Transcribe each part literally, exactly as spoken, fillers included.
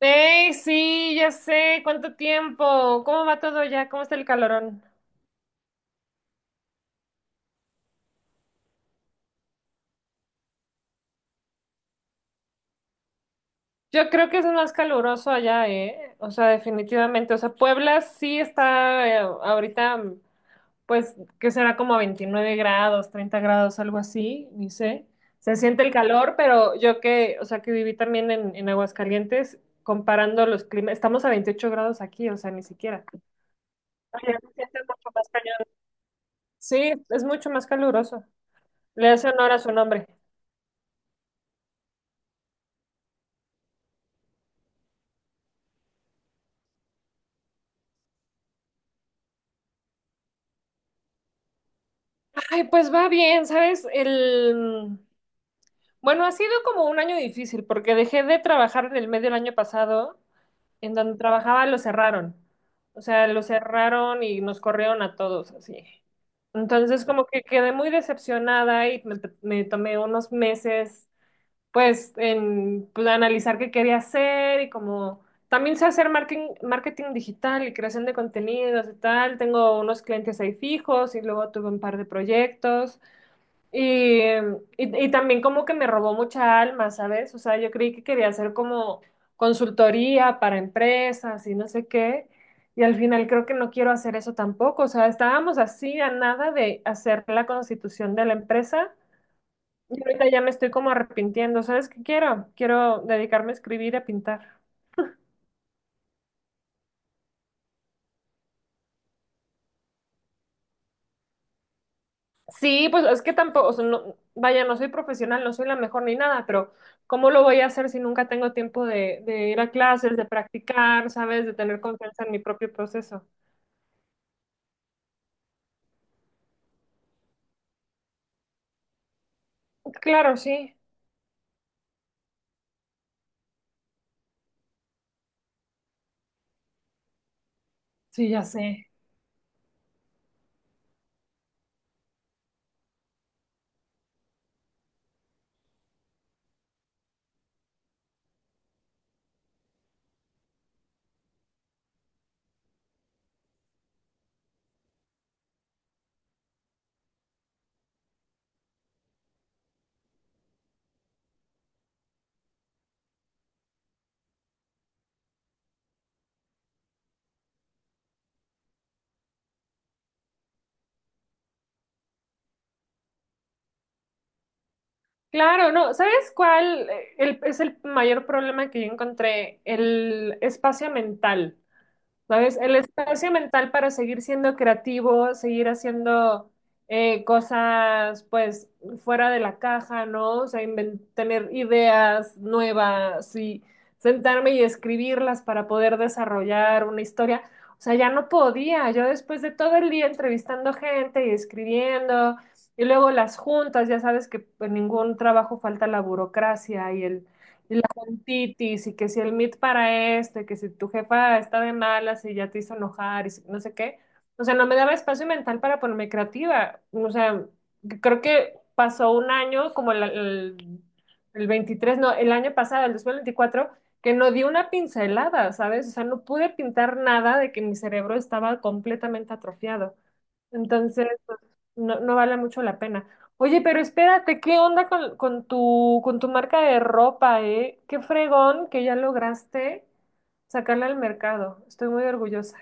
Hey, sí, ya sé, ¿cuánto tiempo? ¿Cómo va todo ya? ¿Cómo está el calorón? Yo creo que es más caluroso allá, ¿eh? O sea, definitivamente. O sea, Puebla sí está eh, ahorita, pues, que será como veintinueve grados, treinta grados, algo así, ni sé. Se siente el calor, pero yo que, o sea, que viví también en, en Aguascalientes, comparando los climas, estamos a veintiocho grados aquí, o sea, ni siquiera. Allá se siente mucho más cañón. Sí, es mucho más caluroso. Le hace honor a su nombre. Ay, pues va bien, ¿sabes? El... Bueno, ha sido como un año difícil porque dejé de trabajar en el medio del año pasado, en donde trabajaba lo cerraron. O sea, lo cerraron y nos corrieron a todos así. Entonces, como que quedé muy decepcionada y me, me tomé unos meses, pues, en pues, analizar qué quería hacer y como también sé hacer marketing, marketing digital y creación de contenidos y tal. Tengo unos clientes ahí fijos y luego tuve un par de proyectos. Y, y- y también como que me robó mucha alma, ¿sabes? O sea, yo creí que quería hacer como consultoría para empresas y no sé qué. Y al final creo que no quiero hacer eso tampoco. O sea, estábamos así a nada de hacer la constitución de la empresa. Y ahorita ya me estoy como arrepintiendo. ¿Sabes qué quiero? Quiero dedicarme a escribir y a pintar. Sí, pues es que tampoco, o sea, no- vaya, no soy profesional, no soy la mejor ni nada, pero ¿cómo lo voy a hacer si nunca tengo tiempo de, de ir a clases, de practicar, ¿sabes? De tener confianza en mi propio proceso. Claro, sí, sí, ya sé. Claro, no, ¿sabes cuál eh, el- es el mayor problema que yo encontré? El espacio mental. ¿Sabes? El espacio mental para seguir siendo creativo, seguir haciendo eh, cosas pues fuera de la caja, ¿no? O sea, inven- tener ideas nuevas y sentarme y escribirlas para poder desarrollar una historia. O sea, ya no podía. Yo después de todo el día entrevistando gente y escribiendo, y luego las juntas, ya sabes que en ningún trabajo falta la burocracia y el, y titis y que si el meet para esto y que si tu jefa está de malas y ya te hizo enojar y si- no sé qué. O sea, no me daba espacio mental para ponerme creativa. O sea, creo que pasó un año, como el, el, el veintitrés, no, el año pasado, el dos mil veinticuatro que no di una pincelada, ¿sabes? O sea, no pude pintar nada de que mi cerebro estaba completamente atrofiado. Entonces, pues, no, no vale mucho la pena. Oye, pero espérate, ¿qué onda con, con tu, con tu marca de ropa, eh? Qué fregón que ya lograste sacarla al mercado. Estoy muy orgullosa.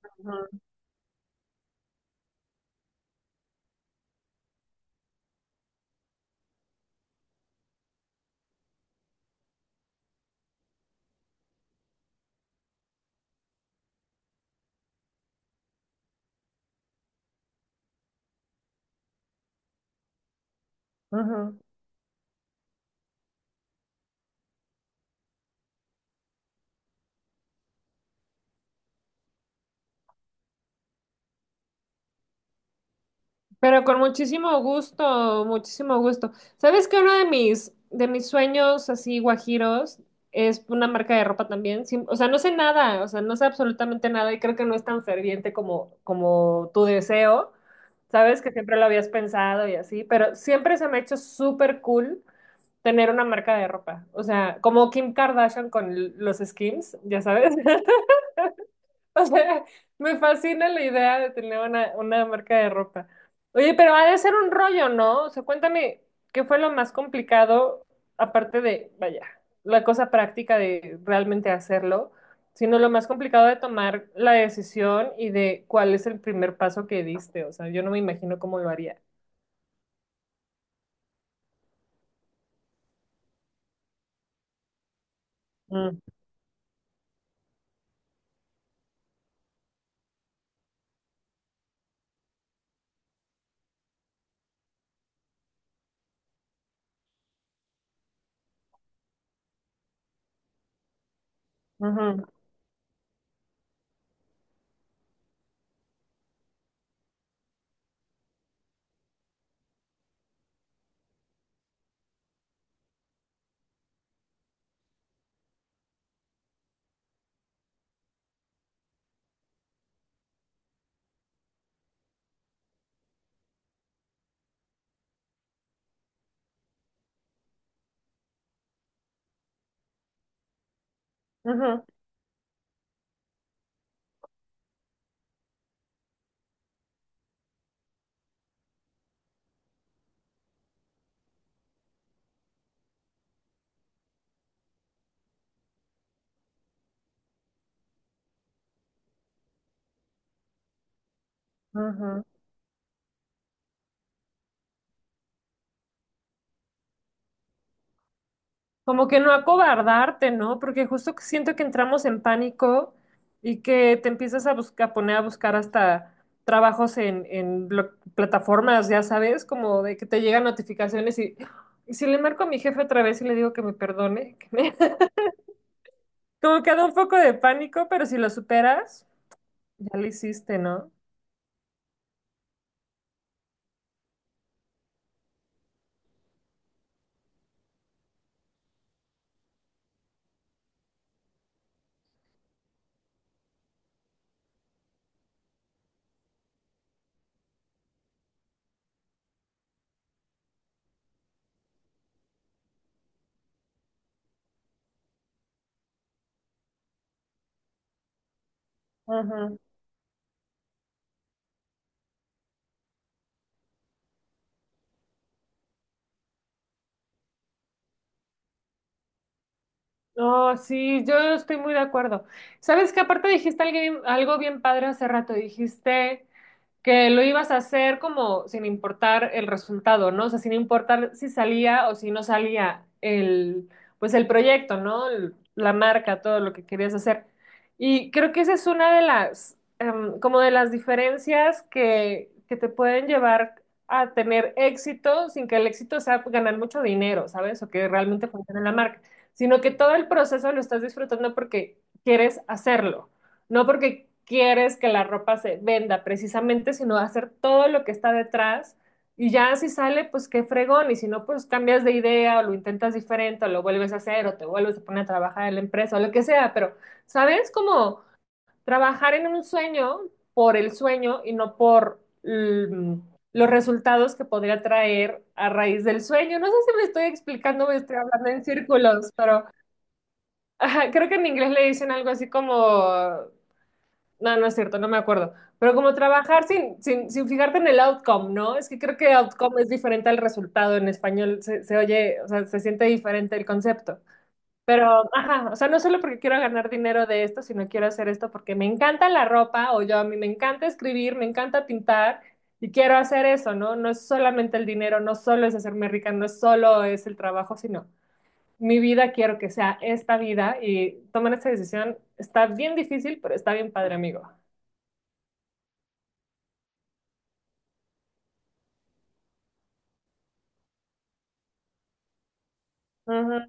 Ujú, ujú. Pero con muchísimo gusto, muchísimo gusto. ¿Sabes que uno de mis, de mis, sueños así guajiros es una marca de ropa también? Sim- o sea, no sé nada, o sea, no sé absolutamente nada y creo que no es tan ferviente como, como tu deseo. Sabes que siempre lo habías pensado y así, pero siempre se me ha hecho súper cool tener una marca de ropa. O sea, como Kim Kardashian con l- los Skims, ya sabes. O sea, me fascina la idea de tener una, una marca de ropa. Oye, pero ha de ser un rollo, ¿no? O sea, cuéntame, ¿qué fue lo más complicado, aparte de, vaya, la cosa práctica de realmente hacerlo, sino lo más complicado de tomar la decisión y de cuál es el primer paso que diste? O sea, yo no me imagino cómo lo haría. Mm, ujú, ujú, ujú. Como que no acobardarte, ¿no? Porque justo que siento que entramos en pánico y que te empiezas a buscar, a poner a buscar hasta trabajos en, en lo- plataformas, ya sabes, como de que te llegan notificaciones y, y si le marco a mi jefe otra vez y le digo que me perdone, que me- como que da un poco de pánico, pero si lo superas, ya lo hiciste, ¿no? Ajá. No, sí, yo estoy muy de acuerdo. Sabes que aparte dijiste alguien- algo bien padre hace rato, dijiste. Que lo ibas a hacer como sin importar el resultado, ¿no? O sea, sin importar si salía o si no salía el, pues el proyecto, ¿no? El- la marca, todo lo que querías hacer. Y creo que esa es una de las, em, como de las diferencias que, que te pueden llevar a tener éxito sin que el éxito sea ganar mucho dinero, ¿sabes? O que realmente funcione la marca, sino que todo el proceso lo estás disfrutando porque quieres hacerlo. No porque quieres que la ropa se venda precisamente, sino hacer todo lo que está detrás y ya si sale, pues qué fregón, y si no, pues cambias de idea o lo intentas diferente o lo vuelves a hacer o te vuelves a poner a trabajar en la empresa o lo que sea, pero, ¿sabes? Como trabajar en un sueño por el sueño y no por mm, los resultados que podría traer a raíz del sueño. No sé si me estoy explicando, me estoy hablando en círculos, pero... Ajá, creo que en inglés le dicen algo así como no, no es cierto, no me acuerdo. Pero como trabajar sin, sin, sin fijarte en el outcome, ¿no? Es que creo que outcome es diferente al resultado en español. Se, se oye, o sea, se siente diferente el concepto. Pero, ajá, o sea, no solo porque quiero ganar dinero de esto, sino quiero hacer esto porque me encanta la ropa o yo a mí me encanta escribir, me encanta pintar y quiero hacer eso, ¿no? No es solamente el dinero, no solo es hacerme rica, no es solo es el trabajo, sino mi vida quiero que sea esta vida y tomar esta decisión está bien difícil, pero está bien padre, amigo. Ujú,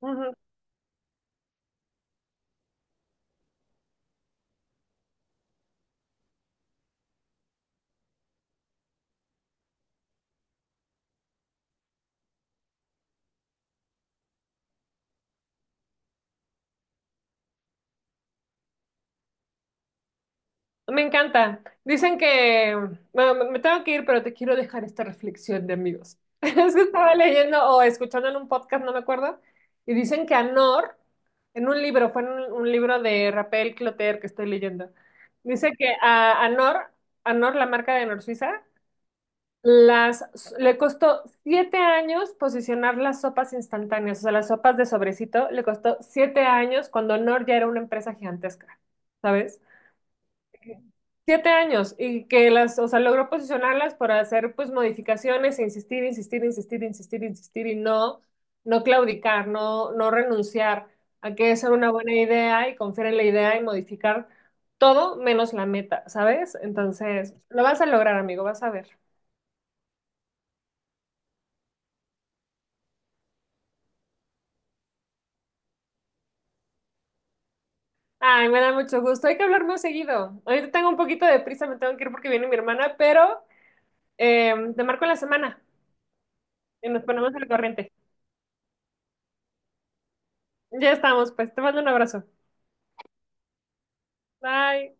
ujú. Me encanta. Dicen que, bueno, me me tengo que ir, pero te quiero dejar esta reflexión de amigos. Es que estaba leyendo o escuchando en un podcast, no me acuerdo, y dicen que Anor, en un libro, fue en un, un libro de Raphael Clotaire que estoy leyendo, dice que a Anor, Anor, la marca de Anor Suiza, las, le costó siete años posicionar las sopas instantáneas, o sea, las sopas de sobrecito, le costó siete años cuando Anor ya era una empresa gigantesca, ¿sabes? Siete años y que las, o sea, logró posicionarlas para hacer pues modificaciones e insistir, insistir, insistir, insistir, insistir y no, no claudicar, no, no renunciar a que esa era una buena idea y confiar en la idea y modificar todo menos la meta, ¿sabes? Entonces, lo vas a lograr, amigo, vas a ver. Ay, me da mucho gusto, hay que hablar más seguido. Ahorita tengo un poquito de prisa, me tengo que ir porque viene mi hermana, pero eh, te marco en la semana y nos ponemos al corriente. Ya estamos, pues te mando un abrazo. Bye.